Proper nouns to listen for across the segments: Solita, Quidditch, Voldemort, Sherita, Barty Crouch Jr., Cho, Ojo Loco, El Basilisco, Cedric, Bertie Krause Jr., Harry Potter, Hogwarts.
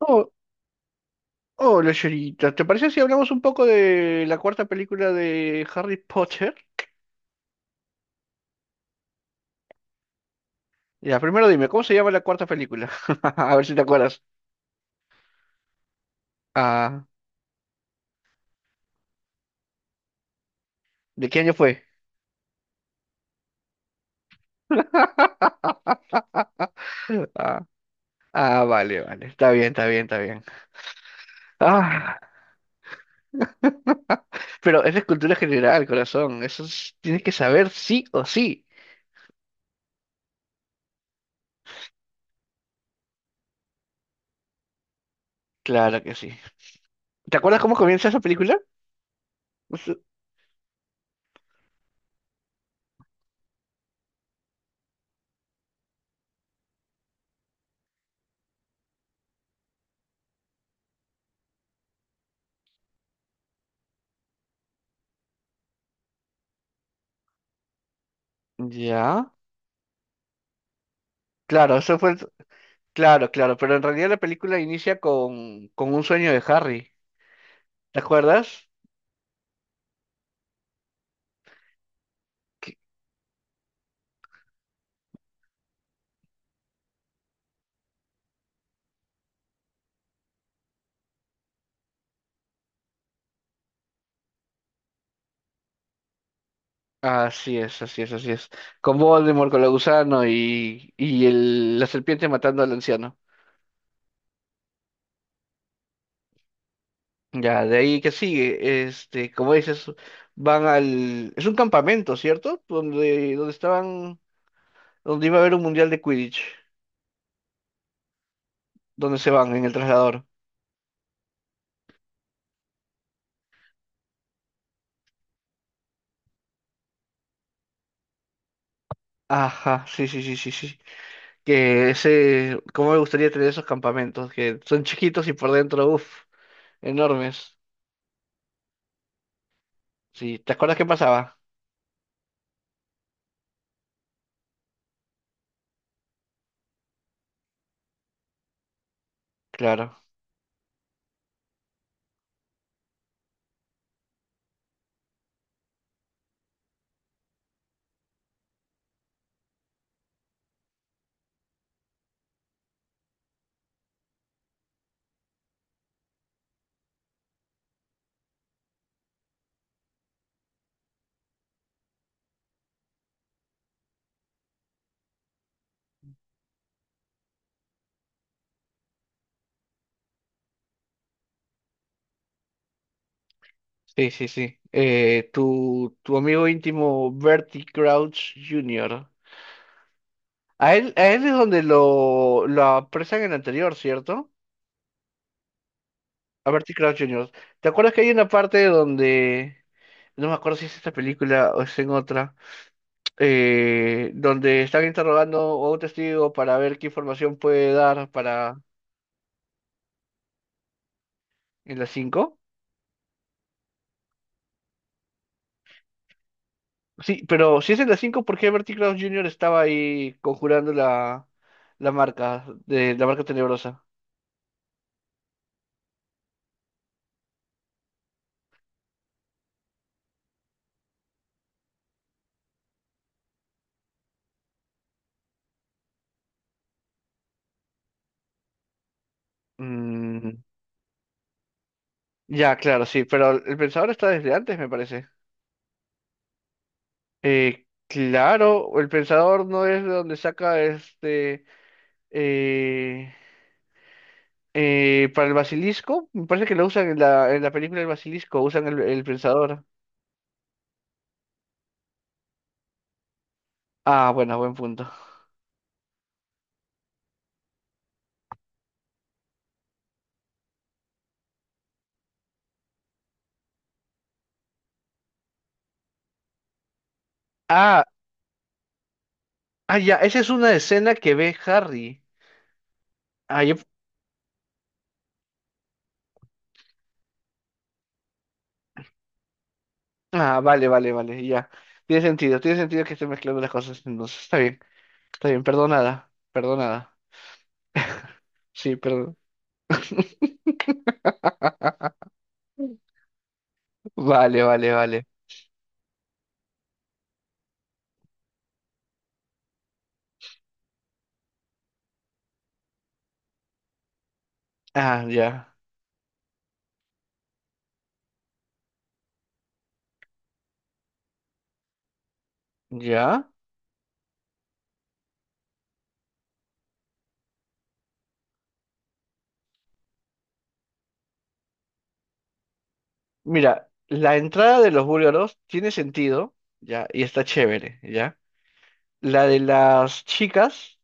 Oh, hola, Sherita. ¿Te parece si hablamos un poco de la cuarta película de Harry Potter? Ya, primero dime, ¿cómo se llama la cuarta película? A ver si te acuerdas. Ah, ¿De qué año fue? Ah, vale, vale. Está bien, está bien, está bien. Ah, pero esa es cultura general, corazón. Tienes que saber sí o sí. Claro que sí. ¿Te acuerdas cómo comienza esa película? Eso- Ya. Claro, eso fue. Claro, claro. Pero en realidad la película inicia con, un sueño de Harry. ¿Te acuerdas? Que- Así es, así es, así es. Con Voldemort, con la gusano la serpiente matando al anciano. Ya, de ahí que sigue, este, como dices, van al... Es un campamento, ¿cierto? Donde estaban, donde iba a haber un mundial de Quidditch, donde se van en el traslador. Ajá, sí, sí, sí, sí, sí. Que ese, cómo me gustaría tener esos campamentos, que son chiquitos y por dentro, uff, enormes. Sí, ¿te acuerdas qué pasaba? Claro. Sí, sí, sí. Tu amigo íntimo Bertie Crouch Jr. A él es donde lo apresan en el anterior, ¿cierto? A Bertie Crouch Jr. ¿Te acuerdas que hay una parte donde... No me acuerdo si es esta película o es en otra, donde están interrogando a un testigo para ver qué información puede dar para en las 5? Sí, pero si es en las cinco, ¿por qué Bertie Krause Jr. estaba ahí conjurando la marca, la marca tenebrosa? Mm, ya, claro, sí, pero el pensador está desde antes, me parece. Claro, el pensador no es de donde saca este... eh, para el basilisco, me parece que lo usan en en la película El Basilisco, usan el pensador. Ah, bueno, buen punto. Ah, ya, esa es una escena que ve Harry. Ah, yo- ah, vale, vale, vale, ya. Tiene sentido que esté mezclando las cosas, entonces está bien, perdonada, perdonada. Sí, perdón. Vale, vale, vale. Ya, ya. Mira, la entrada de los búlgaros tiene sentido, ya, y está chévere, ya. La de las chicas,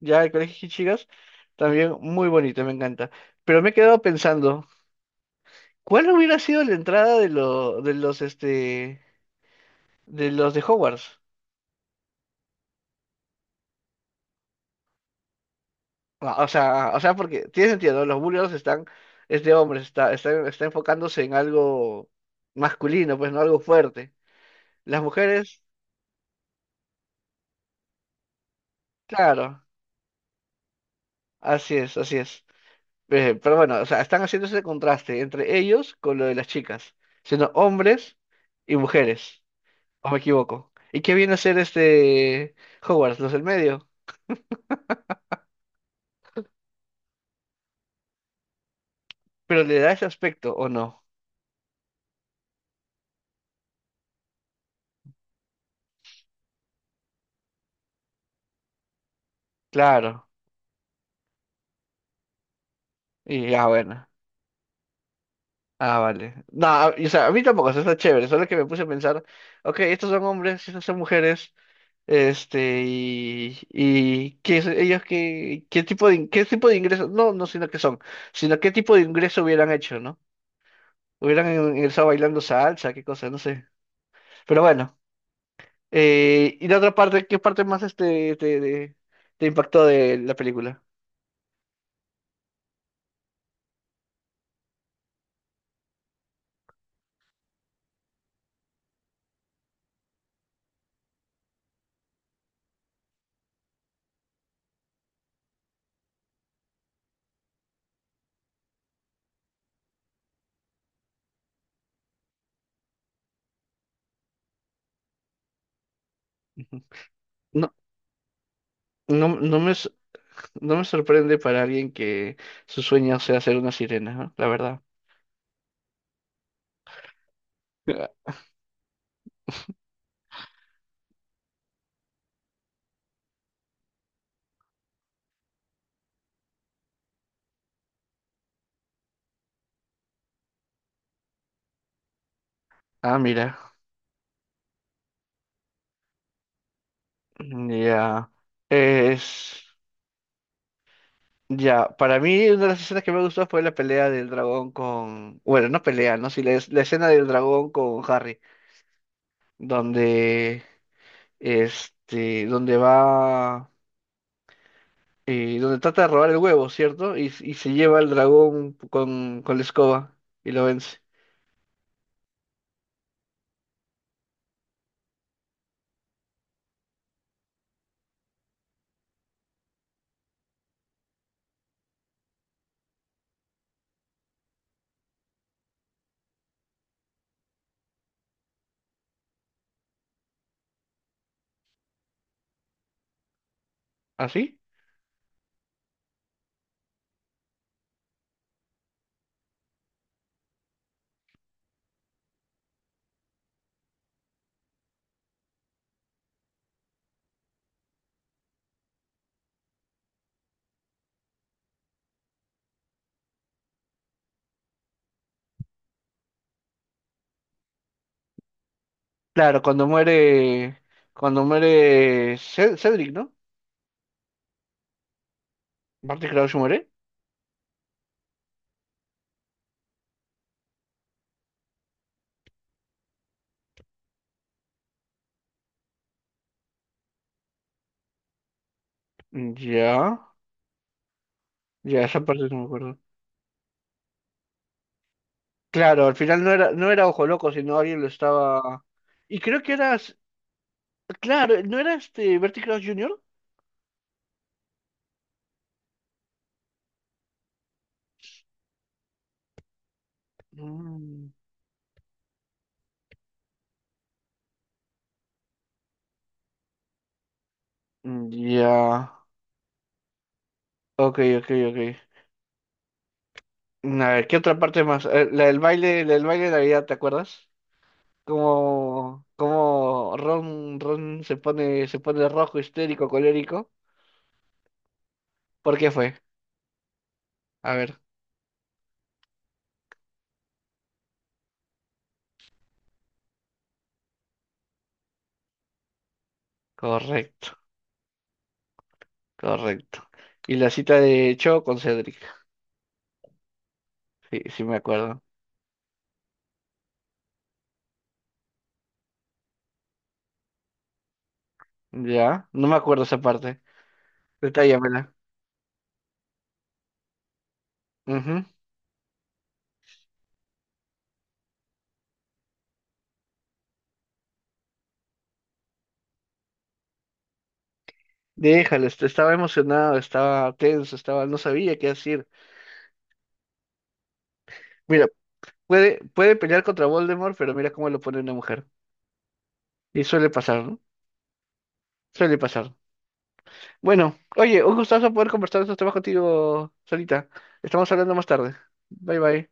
ya, el colegio de chicas, también muy bonito, me encanta. Pero me he quedado pensando, ¿cuál hubiera sido la entrada este, de los de Hogwarts? Ah, O sea, porque tiene sentido, ¿no? Los búlgaros están, este hombre está enfocándose en algo masculino, pues no algo fuerte. Las mujeres, claro, así es, así es. Pero bueno, o sea, están haciendo ese contraste entre ellos con lo de las chicas, siendo hombres y mujeres, o me equivoco. ¿Y qué viene a ser este Hogwarts, los del medio? Pero le da ese aspecto, ¿o no? Claro. Y bueno. Ah, vale. No, o sea, a mí tampoco, o sea, está chévere, solo que me puse a pensar, ok, estos son hombres, estas son mujeres, este, y ¿qué es- ellos qué, qué tipo qué tipo de ingreso, no, no, sino que son, sino qué tipo de ingreso hubieran hecho, ¿no? Hubieran ingresado bailando salsa, qué cosa, no sé. Pero bueno. ¿Y la otra parte? ¿Qué parte más este te impactó de la película? No, no, no me, s- no me sorprende para alguien que su sueño sea ser una sirena, ¿no? La verdad. Ah, mira. Ya. Es. Ya. Para mí, una de las escenas que me gustó fue la pelea del dragón con. Bueno, no pelea, ¿no? Sí, la escena del dragón con Harry. Donde. Este. Donde va. Donde trata de robar el huevo, ¿cierto? Y se lleva al dragón con, la escoba y lo vence. ¿Así? Claro, cuando muere Cedric, ¿no? Barty Crouch muere. Ya, ya, esa parte no me acuerdo. Claro, al final no era, Ojo Loco, sino alguien lo estaba... Y creo que era... Claro, ¿no era este Barty Crouch Jr.? Mm, ya, ok, ok, ok. A ver, ¿qué otra parte más? La del baile de Navidad, ¿te acuerdas? Como Ron, se pone, rojo, histérico, colérico. ¿Por qué fue? A ver, correcto, correcto. Y la cita de Cho con Cedric. Sí, sí me acuerdo. Ya, no me acuerdo esa parte. Detállamela. Ujú. Déjalo, estaba emocionado, estaba tenso, estaba, no sabía qué decir. Mira, puede pelear contra Voldemort, pero mira cómo lo pone una mujer. Y suele pasar, ¿no? Suele pasar. Bueno, oye, un gustazo poder conversar de estos temas contigo, Solita. Estamos hablando más tarde. Bye bye.